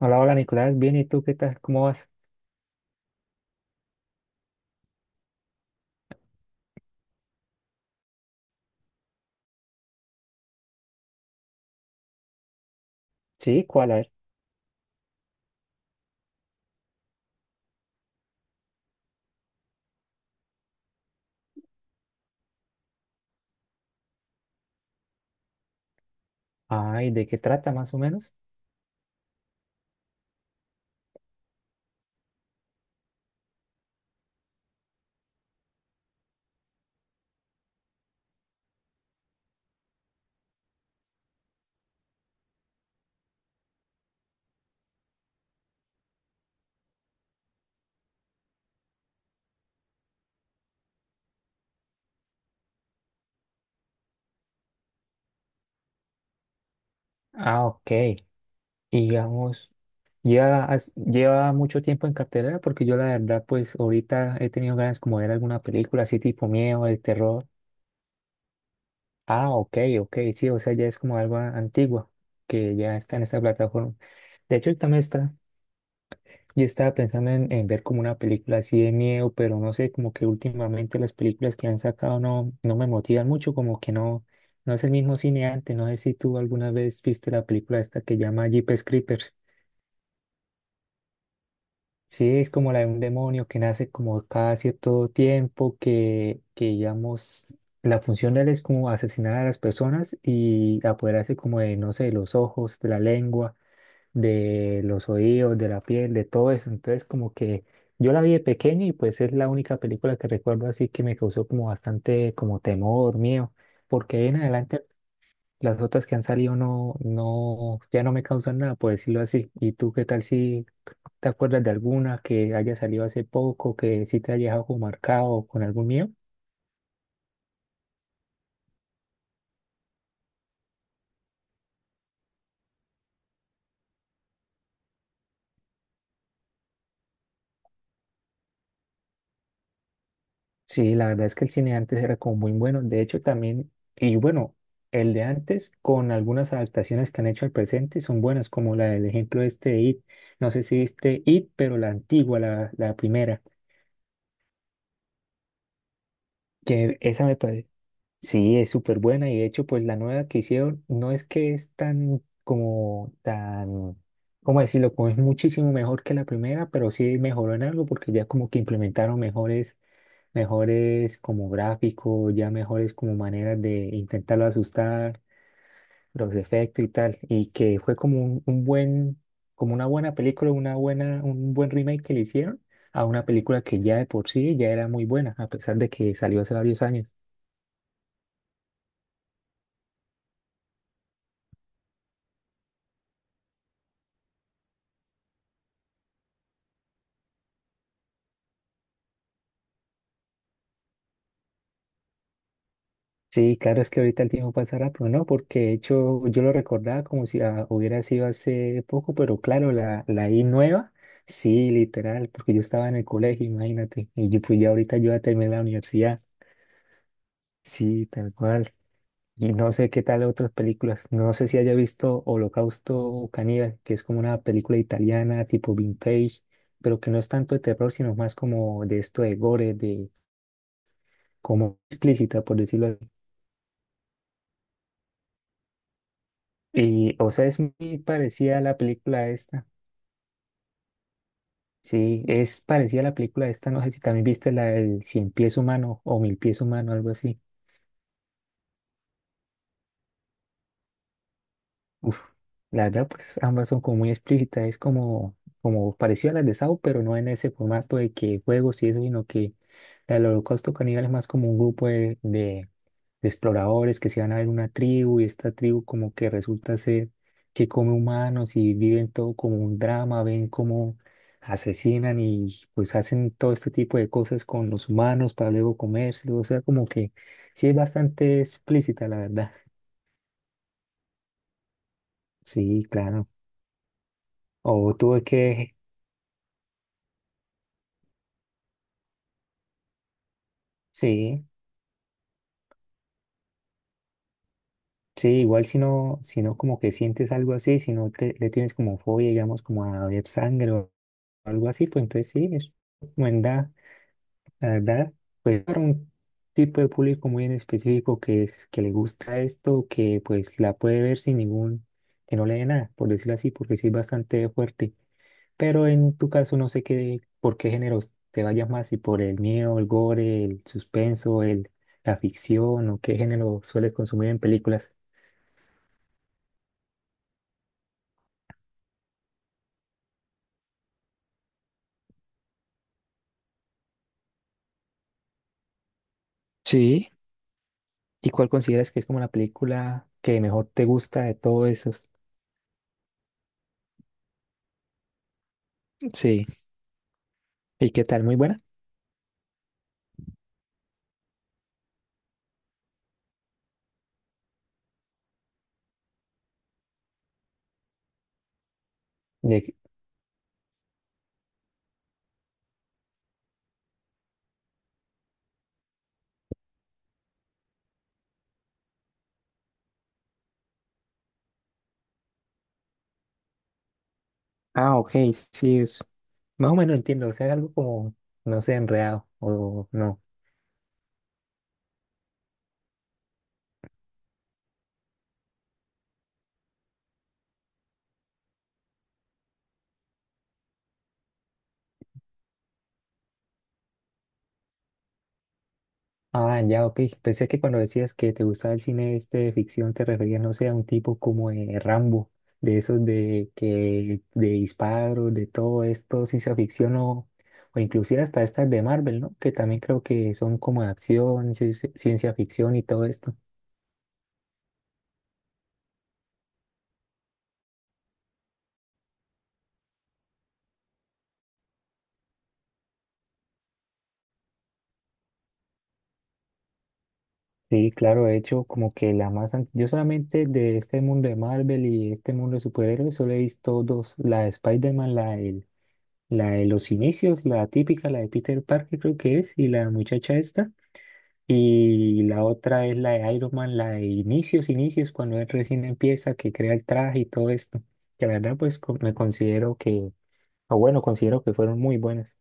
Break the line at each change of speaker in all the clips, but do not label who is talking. Hola, hola Nicolás, bien, ¿y tú qué tal? ¿Cómo vas? Sí, ¿cuál? A ver. Ay, ¿de qué trata más o menos? Ah, ok. Y digamos, lleva, lleva mucho tiempo en cartelera porque yo la verdad, pues ahorita he tenido ganas como de ver alguna película así tipo miedo, de terror. Ah, ok, ok, sí, o sea, ya es como algo antiguo que ya está en esta plataforma. De hecho, también está. Yo estaba pensando en ver como una película así de miedo, pero no sé, como que últimamente las películas que han sacado no, no me motivan mucho, como que no, no es el mismo cine antes. No sé si tú alguna vez viste la película esta que llama Jeepers Creepers. Sí, es como la de un demonio que nace como cada cierto tiempo, que digamos, la función de él es como asesinar a las personas y apoderarse como de, no sé, los ojos, de la lengua, de los oídos, de la piel, de todo eso. Entonces, como que yo la vi de pequeño y pues es la única película que recuerdo así que me causó como bastante como temor, miedo, porque ahí en adelante las otras que han salido no, no, ya no me causan nada, por decirlo así. ¿Y tú qué tal si te acuerdas de alguna que haya salido hace poco, que sí te haya dejado como marcado con algún miedo? Sí, la verdad es que el cine de antes era como muy bueno. De hecho, también, y bueno, el de antes, con algunas adaptaciones que han hecho al presente, son buenas, como la del ejemplo este de este It. No sé si viste It, pero la antigua, la primera, que esa me parece. Sí, es súper buena. Y de hecho, pues la nueva que hicieron no es que es tan, como, tan, ¿cómo decirlo? Como es muchísimo mejor que la primera, pero sí mejoró en algo porque ya como que implementaron mejores, mejores como gráfico, ya mejores como maneras de intentarlo asustar, los efectos y tal, y que fue como un buen, como una buena película, una buena, un buen remake que le hicieron a una película que ya de por sí ya era muy buena, a pesar de que salió hace varios años. Sí, claro, es que ahorita el tiempo pasa rápido, ¿no? Porque de hecho yo lo recordaba como si hubiera sido hace poco, pero claro, la, la I nueva, sí, literal, porque yo estaba en el colegio, imagínate, y yo, pues ya ahorita yo ya terminé la universidad. Sí, tal cual. Y no sé qué tal otras películas. No sé si haya visto Holocausto Caníbal, que es como una película italiana tipo vintage, pero que no es tanto de terror, sino más como de esto de gore, de como explícita, por decirlo así. Y, o sea, es muy parecida a la película esta. Sí, es parecida a la película esta. No sé si también viste la del Cien Pies Humano o Mil Pies Humano, algo así. Uf, la verdad, pues ambas son como muy explícitas, es como, como parecido a las de Saw, pero no en ese formato de que juegos y eso, sino que la del Holocausto Caníbal es más como un grupo de, de exploradores que se van a ver una tribu y esta tribu como que resulta ser que come humanos y viven todo como un drama, ven cómo asesinan y pues hacen todo este tipo de cosas con los humanos para luego comérselos, o sea, como que sí es bastante explícita, la verdad. Sí, claro. O tuve que sí, sí, igual si no, si no como que sientes algo así, si no te- le tienes como fobia, digamos, como a ver sangre o algo así, pues entonces sí, es buena, la verdad, pues para un tipo de público muy en específico que es, que le gusta esto, que pues la puede ver sin ningún, que no le dé nada, por decirlo así, porque sí es bastante fuerte. Pero en tu caso no sé qué, por qué géneros te vayas más, si por el miedo, el gore, el suspenso, el, la ficción o qué género sueles consumir en películas. Sí. ¿Y cuál consideras que es como la película que mejor te gusta de todos esos? Sí. ¿Y qué tal? ¿Muy buena? De que- Ah, ok, sí, es... más o menos entiendo, o sea, es algo como, no sé, enredado o no. Ah, ya, ok. Pensé que cuando decías que te gustaba el cine este de ficción te referías, no sé, a un tipo como de Rambo, de esos de que de disparos, de todo esto, ciencia ficción o inclusive hasta estas de Marvel, ¿no? Que también creo que son como de acción, ciencia ficción y todo esto. Sí, claro, de hecho, como que la más... Yo solamente de este mundo de Marvel y este mundo de superhéroes solo he visto dos, la de Spider-Man, la de los inicios, la típica, la de Peter Parker creo que es, y la muchacha esta, y la otra es la de Iron Man, la de inicios, inicios, cuando él recién empieza, que crea el traje y todo esto, que la verdad pues me considero que, o bueno, considero que fueron muy buenas.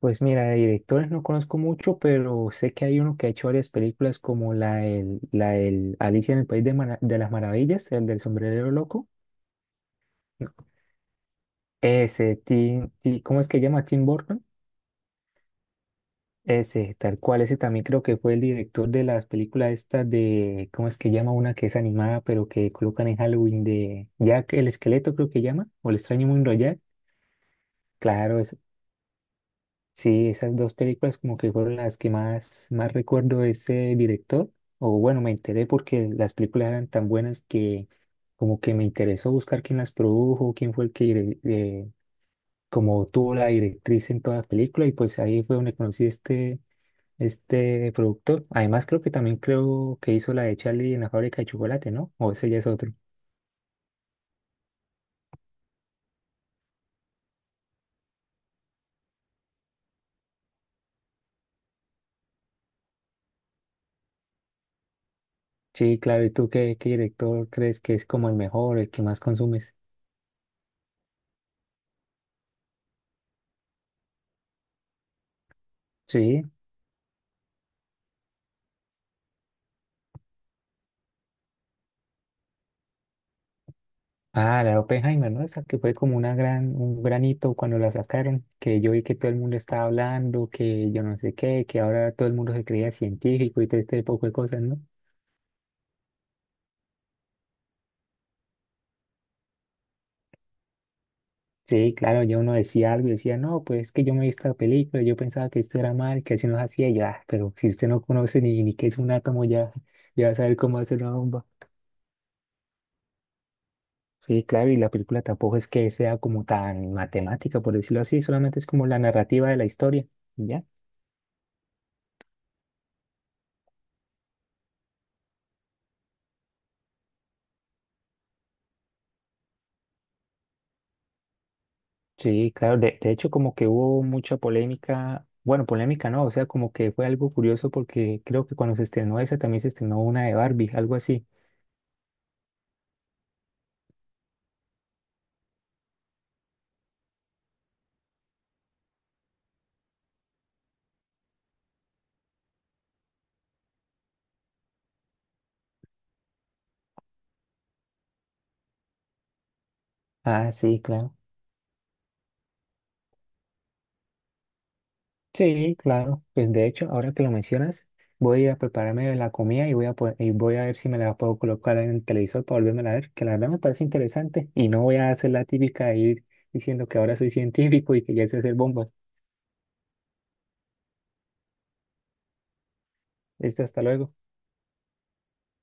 Pues mira, de directores no conozco mucho, pero sé que hay uno que ha hecho varias películas como la el la del Alicia en el País de, de las Maravillas, el del sombrerero loco. Ese, ¿cómo es que llama? Tim Burton. Ese, tal cual, ese también creo que fue el director de las películas estas de, ¿cómo es que llama? Una que es animada, pero que colocan en Halloween de Jack el Esqueleto, creo que llama, o el extraño mundo de Jack. Claro, es- Sí, esas dos películas como que fueron las que más, más recuerdo de ese director. O bueno, me enteré porque las películas eran tan buenas que como que me interesó buscar quién las produjo, quién fue el que como tuvo la directriz en toda la película y pues ahí fue donde conocí este, este productor. Además creo que también creo que hizo la de Charlie en la fábrica de chocolate, ¿no? O ese ya es otro. Sí, claro, ¿y tú qué, qué director crees que es como el mejor, el que más consumes? Sí. Ah, la de Oppenheimer, ¿no? Esa que fue como una gran, un granito cuando la sacaron, que yo vi que todo el mundo estaba hablando, que yo no sé qué, que ahora todo el mundo se creía científico y todo este poco de cosas, ¿no? Sí, claro, yo uno decía algo y decía, no, pues es que yo me vi esta película, yo pensaba que esto era mal, que así nos hacía, y yo, ah, pero si usted no conoce ni qué es un átomo, ya, ya va a saber cómo hacer una bomba. Sí, claro, y la película tampoco es que sea como tan matemática, por decirlo así, solamente es como la narrativa de la historia. Y ya. Sí, claro, de hecho como que hubo mucha polémica, bueno, polémica no, o sea, como que fue algo curioso porque creo que cuando se estrenó esa también se estrenó una de Barbie, algo así. Ah, sí, claro. Sí, claro. Pues de hecho, ahora que lo mencionas, voy a prepararme la comida y voy a, y voy a ver si me la puedo colocar en el televisor para volverme a ver, que la verdad me parece interesante y no voy a hacer la típica de ir diciendo que ahora soy científico y que ya sé hacer bombas. Listo, hasta luego.